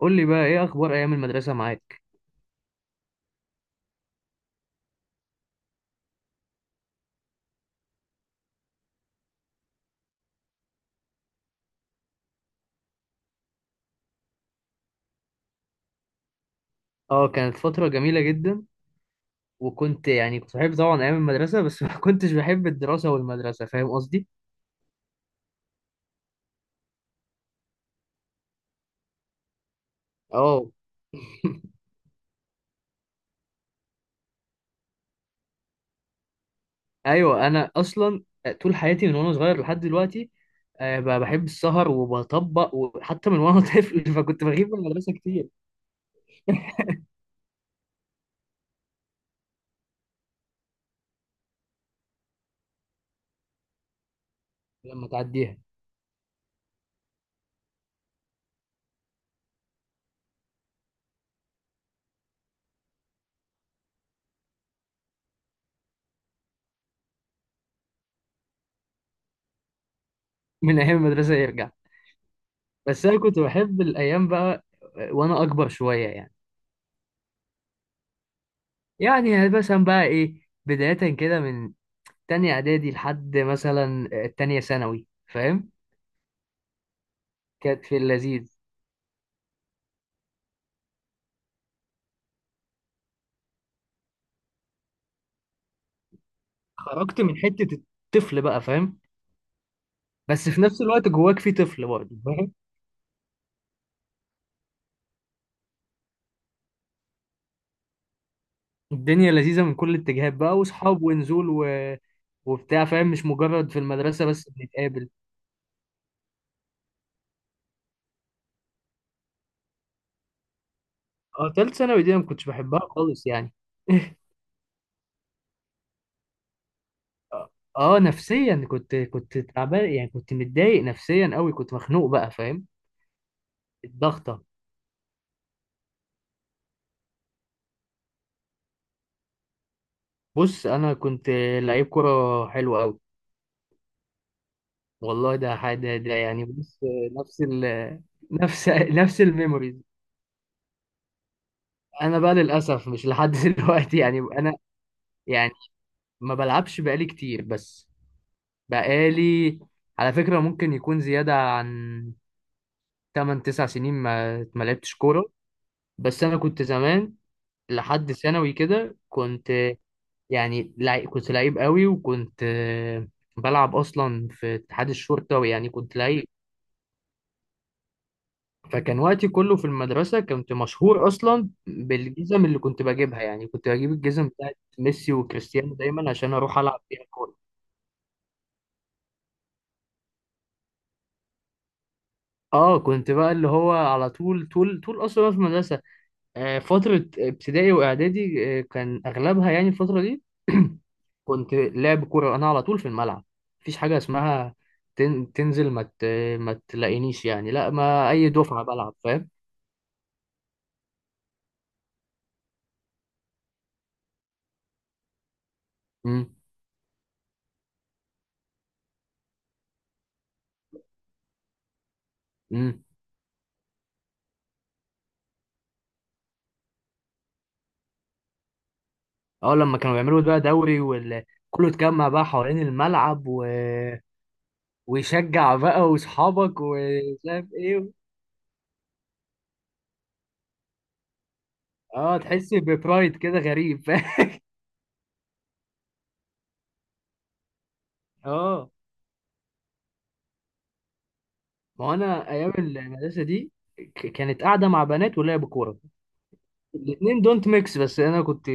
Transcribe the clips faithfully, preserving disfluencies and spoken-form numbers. قول لي بقى ايه اخبار ايام المدرسه معاك؟ اه، كانت فتره جميله جدا. وكنت يعني كنت بحب طبعا ايام المدرسه بس ما كنتش بحب الدراسه والمدرسه، فاهم قصدي. اه ايوه، انا اصلا طول حياتي من وانا صغير لحد دلوقتي آه، ب- بحب السهر وبطبق، وحتى من وانا طفل فكنت بغيب من المدرسه كتير. لما تعديها، من ايام المدرسه يرجع. بس انا كنت بحب الايام بقى آه، وانا اكبر شويه يعني. يعني مثلا بقى ايه، بدايه كده من تانية اعدادي لحد مثلا التانية ثانوي، فاهم. كانت في اللذيذ، خرجت من حتة الطفل بقى فاهم، بس في نفس الوقت جواك في طفل برضه فاهم. الدنيا لذيذة من كل الاتجاهات بقى، وصحاب ونزول و... وبتاع، فاهم، مش مجرد في المدرسة بس بنتقابل. اه، تالت ثانوي دي انا ما كنتش بحبها خالص يعني. اه، نفسيا كنت كنت تعبان، يعني كنت متضايق نفسيا قوي، كنت مخنوق بقى، فاهم. الضغطة. بص، انا كنت لعيب كرة حلو قوي. والله ده حاجة، ده يعني بص، نفس ال نفس نفس الميموريز. انا بقى للاسف مش لحد دلوقتي يعني انا. يعني ما بلعبش بقالي كتير، بس بقالي على فكرة ممكن يكون زيادة عن ثمانية تسعة سنين ما ما لعبتش كورة. بس انا كنت زمان لحد ثانوي كده كنت يعني لع... كنت لعيب قوي، وكنت آه، بلعب اصلا في اتحاد الشرطة، ويعني كنت لعيب. فكان وقتي كله في المدرسة، كنت مشهور أصلا بالجزم اللي كنت بجيبها. يعني كنت بجيب الجزم بتاعت ميسي وكريستيانو دايما عشان أروح ألعب بيها كورة. اه، كنت بقى اللي هو على طول طول طول أصلا في المدرسة. آه فترة ابتدائي وإعدادي آه كان أغلبها يعني الفترة دي. كنت لعب كورة أنا على طول في الملعب. مفيش حاجة اسمها تن... تنزل ما مت... ما تلاقينيش، يعني لا، ما أي دفعة بلعب، فاهم. مم. مم. اه، لما كانوا بيعملوا بقى دوري وكله اتجمع بقى حوالين الملعب و... ويشجع بقى واصحابك ومش عارف ايه. اه، تحس ببرايد كده غريب. اه، ما هو انا ايام المدرسه دي، ك- كانت قاعده مع بنات ولعب كوره، الاثنين دونت ميكس، بس انا كنت.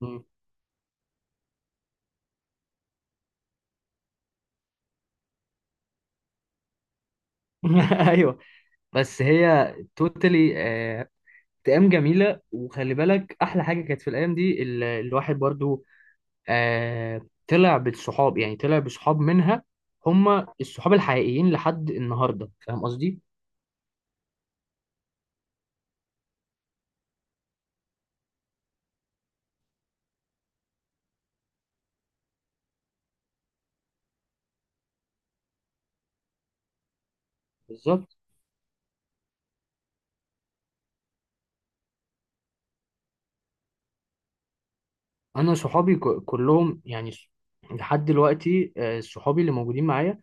مم. ايوه، بس هي توتالي ايام جميله. وخلي بالك، احلى حاجه كانت في الايام دي، ال- الواحد برضو آه طلع بالصحاب، يعني طلع بصحاب منها هم الصحاب الحقيقيين لحد النهارده، فاهم قصدي. بالظبط. انا صحابي ك- كلهم يعني ص- لحد دلوقتي آه، صحابي اللي موجودين معايا.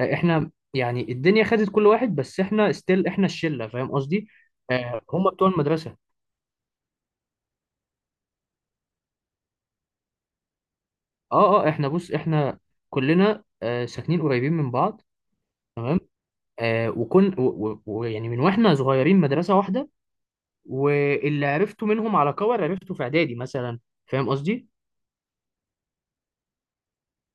آه، احنا يعني الدنيا خدت كل واحد، بس احنا ستيل احنا الشله، فاهم قصدي. آه هم بتوع المدرسه. اه، اه، احنا بص، احنا كلنا آه ساكنين قريبين من بعض، تمام. آه وكن ويعني من واحنا صغيرين مدرسه واحده، واللي عرفته منهم على كور عرفته في اعدادي مثلا، فاهم قصدي.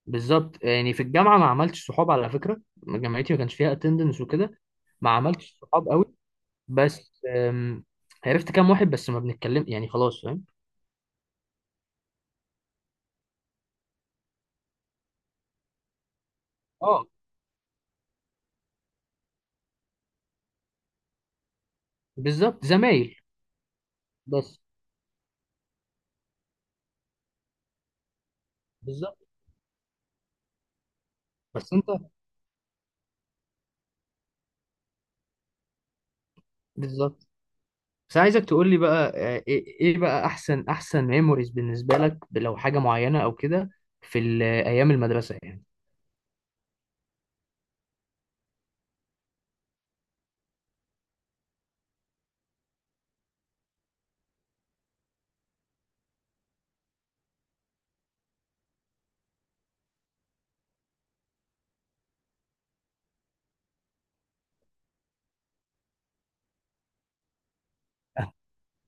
بالظبط. يعني في الجامعه ما عملتش صحاب على فكره. جامعتي ما كانش فيها اتندنس وكده، ما عملتش صحاب قوي. بس أم، عرفت كام واحد، بس ما بنتكلم يعني خلاص، فاهم. اه. بالظبط، زمايل بس. بالظبط. بس انت، بالظبط. بس عايزك تقول لي بقى آه، ايه إيه بقى احسن احسن ميموريز بالنسبه لك، لو حاجه معينه او كده في ال- آه، ايام المدرسه يعني.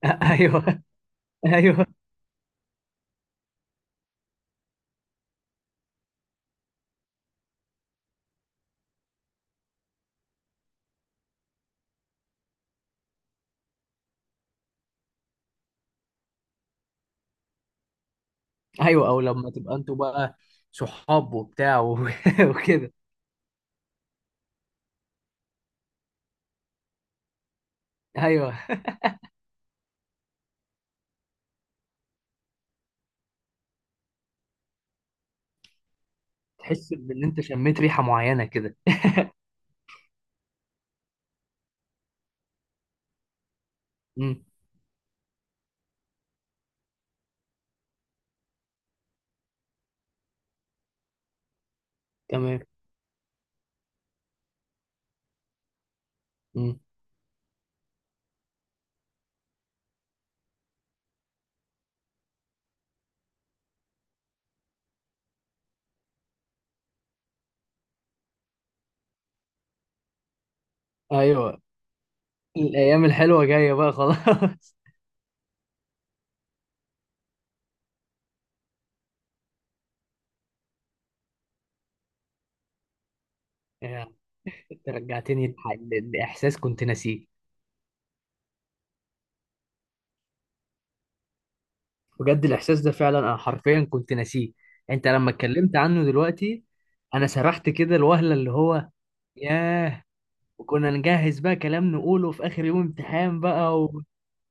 ايوه، ايوه، ايوه، او لما تبقى انتوا بقى صحاب وبتاع و- وكده. ايوه، تحس بان انت شميت ريحه معينه كده. امم تمام. امم ايوه، الايام الحلوه جايه بقى خلاص. يعني انت رجعتني لح- ل- لاحساس كنت ناسيه. بجد الاحساس ده فعلا انا حرفيا كنت ناسيه. انت لما اتكلمت عنه دلوقتي، انا سرحت كده الوهله اللي هو. ياه. وكنا نجهز بقى كلام نقوله في اخر يوم امتحان بقى و...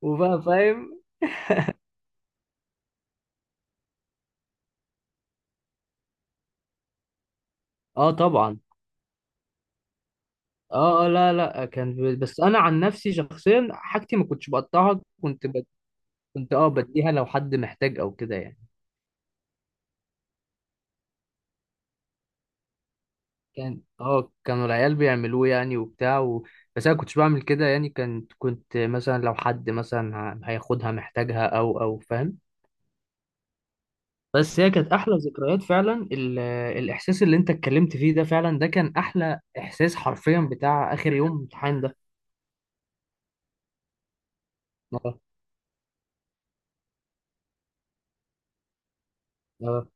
وبقى فاهم. اه طبعا. اه، آه، لا لا، آه، كان ب- بس انا عن نفسي شخصيا، حاجتي ما كنتش بقطعها، كنت ب... كنت اه بديها لو حد محتاج او كده يعني. كان، اه كانوا العيال بيعملوه، يعني وبتاع و... بس انا كنتش بعمل كده يعني. كنت كنت مثلا لو حد مثلا ه- هياخدها محتاجها او او فاهم. بس هي كانت احلى ذكريات فعلا ال... الاحساس اللي انت اتكلمت فيه ده، فعلا ده كان احلى احساس حرفيا، بتاع اخر يوم امتحان ده. اه، اه.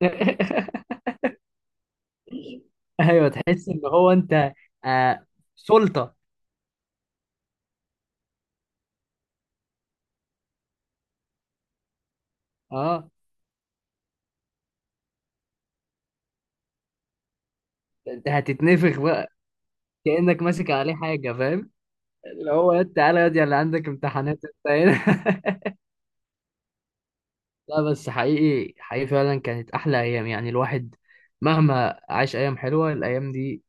ايوه، تحس ان هو انت آه سلطة. اه، انت هتتنفخ بقى، كأنك ماسك عليه حاجة، فاهم. اللي هو يا تعالى، يا دي اللي عندك امتحانات انت هنا. لا، بس حقيقي، حقيقي فعلا كانت أحلى أيام. يعني الواحد مهما عاش أيام حلوة، الأيام دي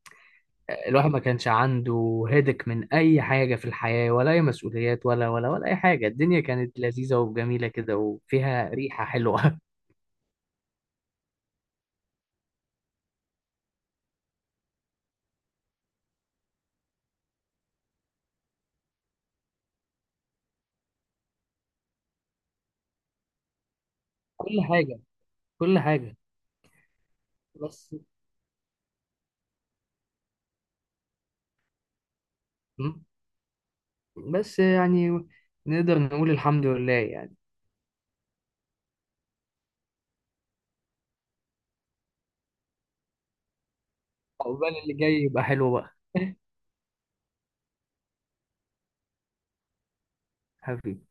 الواحد ما كانش عنده هدك من أي حاجة في الحياة، ولا أي مسؤوليات، ولا ولا ولا أي حاجة. الدنيا كانت لذيذة وجميلة كده، وفيها ريحة حلوة. كل حاجة، كل حاجة. بس بس يعني نقدر نقول الحمد لله يعني. عقبال اللي جاي يبقى حلو بقى، حبيبي.